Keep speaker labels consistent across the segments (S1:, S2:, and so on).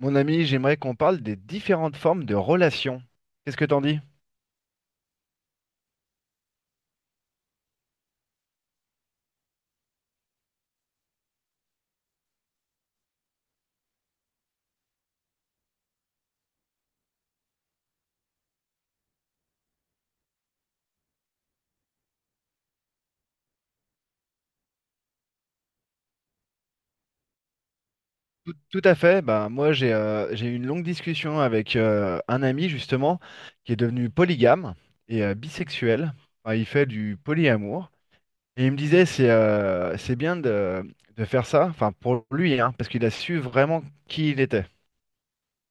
S1: Mon ami, j'aimerais qu'on parle des différentes formes de relations. Qu'est-ce que t'en dis? Tout à fait. Bah, moi, j'ai eu une longue discussion avec un ami, justement, qui est devenu polygame et bisexuel. Enfin, il fait du polyamour. Et il me disait, c'est bien de faire ça, enfin, pour lui, hein, parce qu'il a su vraiment qui il était.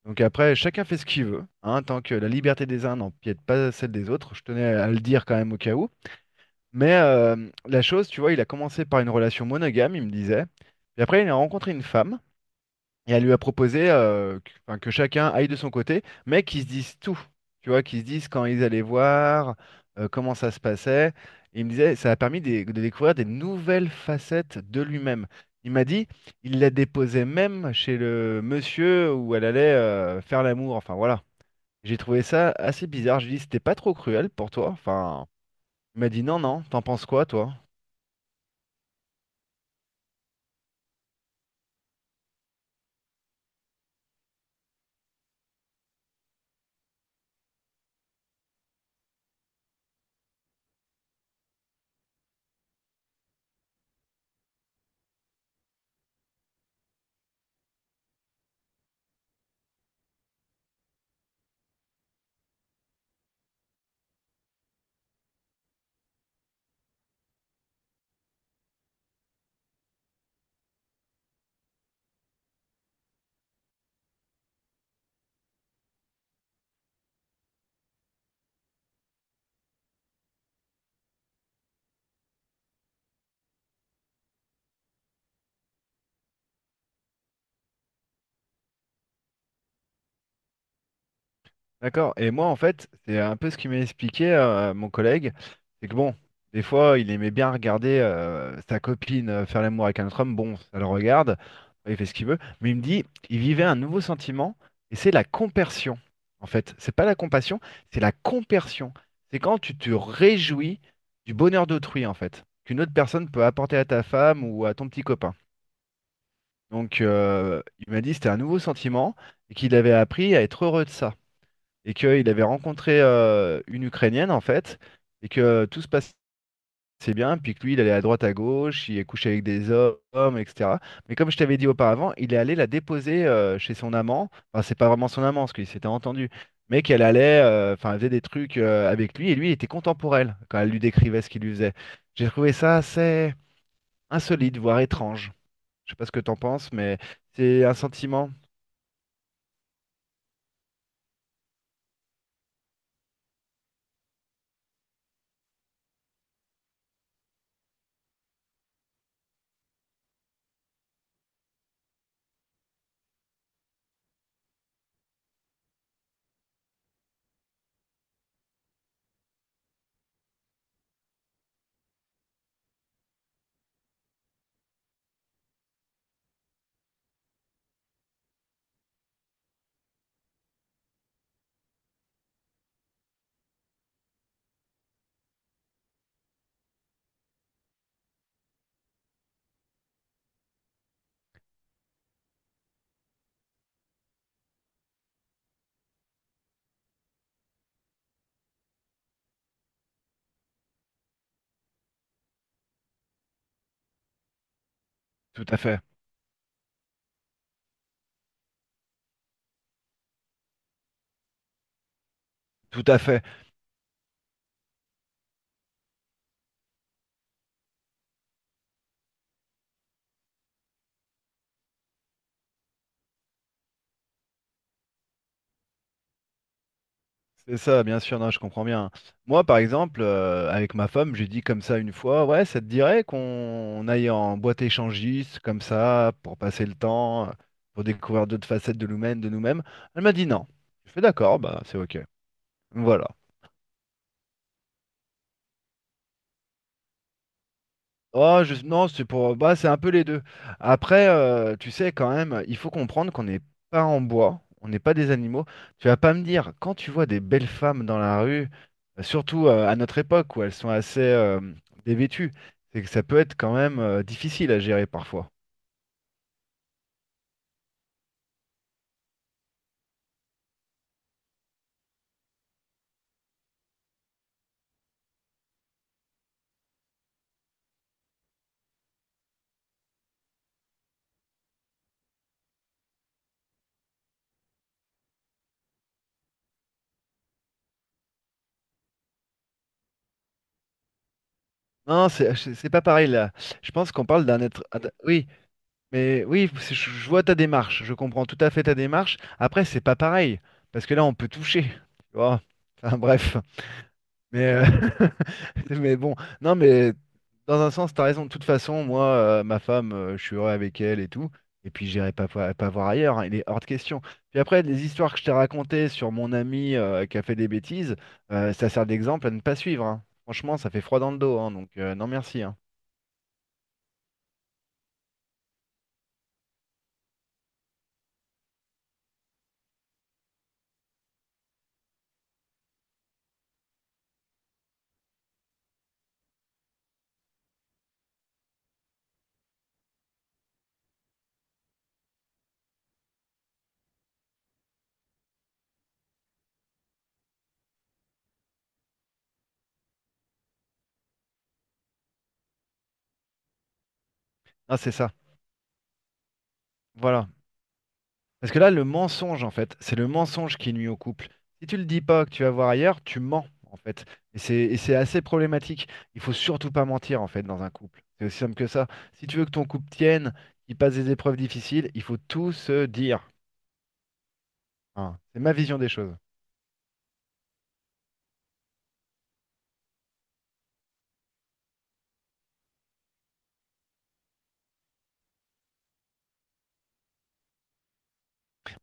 S1: Donc après, chacun fait ce qu'il veut, hein, tant que la liberté des uns n'empiète pas celle des autres. Je tenais à le dire quand même au cas où. Mais la chose, tu vois, il a commencé par une relation monogame, il me disait. Et après, il a rencontré une femme et elle lui a proposé que, enfin, que chacun aille de son côté, mais qu'ils se disent tout. Tu vois, qu'ils se disent quand ils allaient voir, comment ça se passait. Et il me disait, ça a permis de découvrir des nouvelles facettes de lui-même. Il m'a dit, il la déposait même chez le monsieur où elle allait faire l'amour. Enfin voilà. J'ai trouvé ça assez bizarre. Je lui ai dit, c'était pas trop cruel pour toi. Enfin, il m'a dit, non, non, t'en penses quoi, toi? D'accord. Et moi, en fait, c'est un peu ce qu'il m'a expliqué, mon collègue. C'est que bon, des fois, il aimait bien regarder sa copine faire l'amour avec un autre homme. Bon, ça le regarde, il fait ce qu'il veut. Mais il me dit, il vivait un nouveau sentiment, et c'est la compersion. En fait, c'est pas la compassion, c'est la compersion. C'est quand tu te réjouis du bonheur d'autrui, en fait, qu'une autre personne peut apporter à ta femme ou à ton petit copain. Donc, il m'a dit, c'était un nouveau sentiment, et qu'il avait appris à être heureux de ça et qu'il avait rencontré une Ukrainienne en fait, et que tout se passait bien, puis que lui, il allait à droite à gauche, il est couché avec des hommes, etc. Mais comme je t'avais dit auparavant, il est allé la déposer chez son amant, enfin c'est pas vraiment son amant, parce qu'ils s'étaient entendus, mais qu'elle allait, enfin elle faisait des trucs avec lui, et lui, il était content pour elle, quand elle lui décrivait ce qu'il lui faisait. J'ai trouvé ça assez insolite, voire étrange. Je sais pas ce que t'en penses, mais c'est un sentiment. Tout à fait, tout à fait. C'est ça, bien sûr, non, je comprends bien. Moi, par exemple, avec ma femme, j'ai dit comme ça une fois, ouais, ça te dirait qu'on on aille en boîte échangiste, comme ça, pour passer le temps, pour découvrir d'autres facettes de nous-mêmes. Elle m'a dit non. Je fais d'accord, bah c'est ok. Voilà. Non, c'est pour. Bah, c'est un peu les deux. Après, tu sais, quand même, il faut comprendre qu'on n'est pas en bois, on n'est pas des animaux. Tu vas pas me dire, quand tu vois des belles femmes dans la rue, surtout à notre époque où elles sont assez dévêtues, c'est que ça peut être quand même difficile à gérer parfois. Non, c'est pas pareil là. Je pense qu'on parle d'un être. Oui, mais oui, je vois ta démarche, je comprends tout à fait ta démarche. Après, c'est pas pareil, parce que là, on peut toucher. Tu vois. Enfin, bref. Mais, mais bon, non, mais dans un sens, t'as raison. De toute façon, moi, ma femme, je suis heureux avec elle et tout. Et puis, j'irai pas voir ailleurs. Hein, il est hors de question. Puis après, les histoires que je t'ai racontées sur mon ami qui a fait des bêtises, ça sert d'exemple à ne pas suivre. Hein. Franchement, ça fait froid dans le dos. Hein, donc, non, merci. Hein. Ah, c'est ça. Voilà. Parce que là, le mensonge, en fait, c'est le mensonge qui nuit au couple. Si tu le dis pas que tu vas voir ailleurs, tu mens, en fait. Et c'est assez problématique. Il faut surtout pas mentir, en fait, dans un couple. C'est aussi simple que ça. Si tu veux que ton couple tienne, qu'il passe des épreuves difficiles, il faut tout se dire. Hein. C'est ma vision des choses.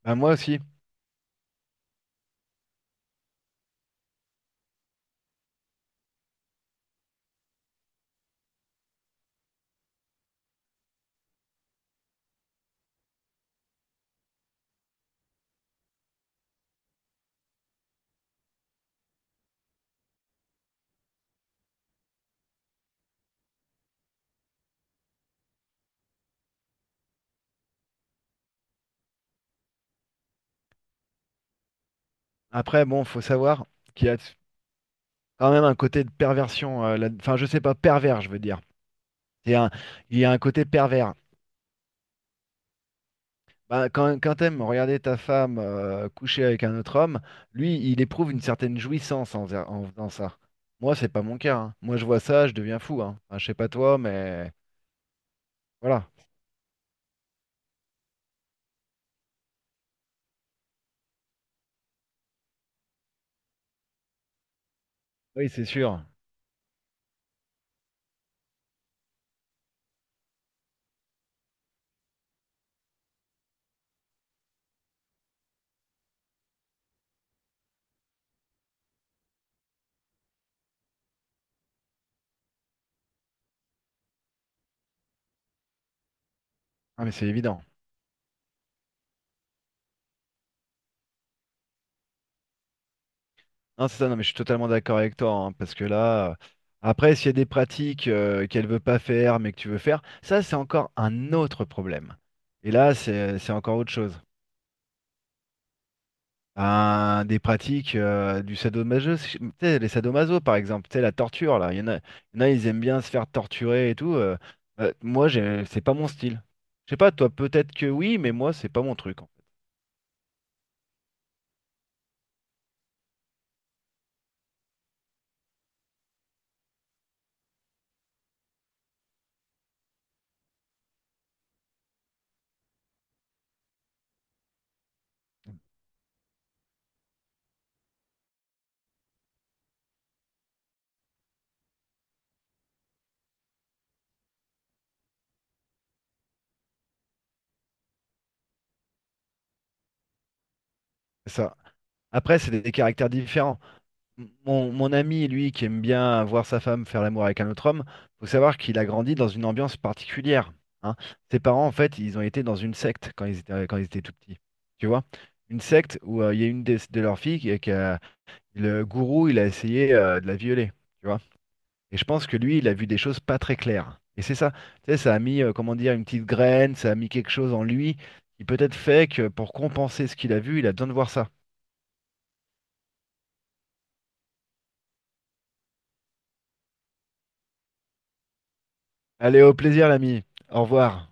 S1: Bah, moi aussi. Après, bon, faut savoir qu'il y a quand même un côté de perversion. Enfin, je sais pas, pervers, je veux dire. C'est un- Il y a un côté pervers. Bah, quand t'aimes regarder ta femme coucher avec un autre homme, lui, il éprouve une certaine jouissance en faisant ça. Moi, c'est pas mon cas. Hein. Moi, je vois ça, je deviens fou. Hein. Enfin, je sais pas toi, mais voilà. Oui, c'est sûr. Ah, mais c'est évident. Non, c'est ça. Non, mais je suis totalement d'accord avec toi, hein, parce que là, après, s'il y a des pratiques qu'elle veut pas faire, mais que tu veux faire, ça, c'est encore un autre problème. Et là, c'est encore autre chose. Des pratiques du sadomaso, tu sais, les sadomaso par exemple, tu sais, la torture là, il y en a, ils aiment bien se faire torturer et tout. Moi, c'est pas mon style. Je sais pas, toi, peut-être que oui, mais moi, c'est pas mon truc. En fait. C'est ça. Après, c'est des caractères différents. Mon ami, lui, qui aime bien voir sa femme faire l'amour avec un autre homme, faut savoir qu'il a grandi dans une ambiance particulière. Hein. Ses parents, en fait, ils ont été dans une secte quand ils étaient tout petits. Tu vois? Une secte où il y a une de leurs filles le gourou, il a essayé de la violer. Tu vois? Et je pense que lui, il a vu des choses pas très claires. Et c'est ça. Tu sais, ça a mis, comment dire, une petite graine, ça a mis quelque chose en lui qui peut-être fait que pour compenser ce qu'il a vu, il a besoin de voir ça. Allez, au plaisir, l'ami. Au revoir.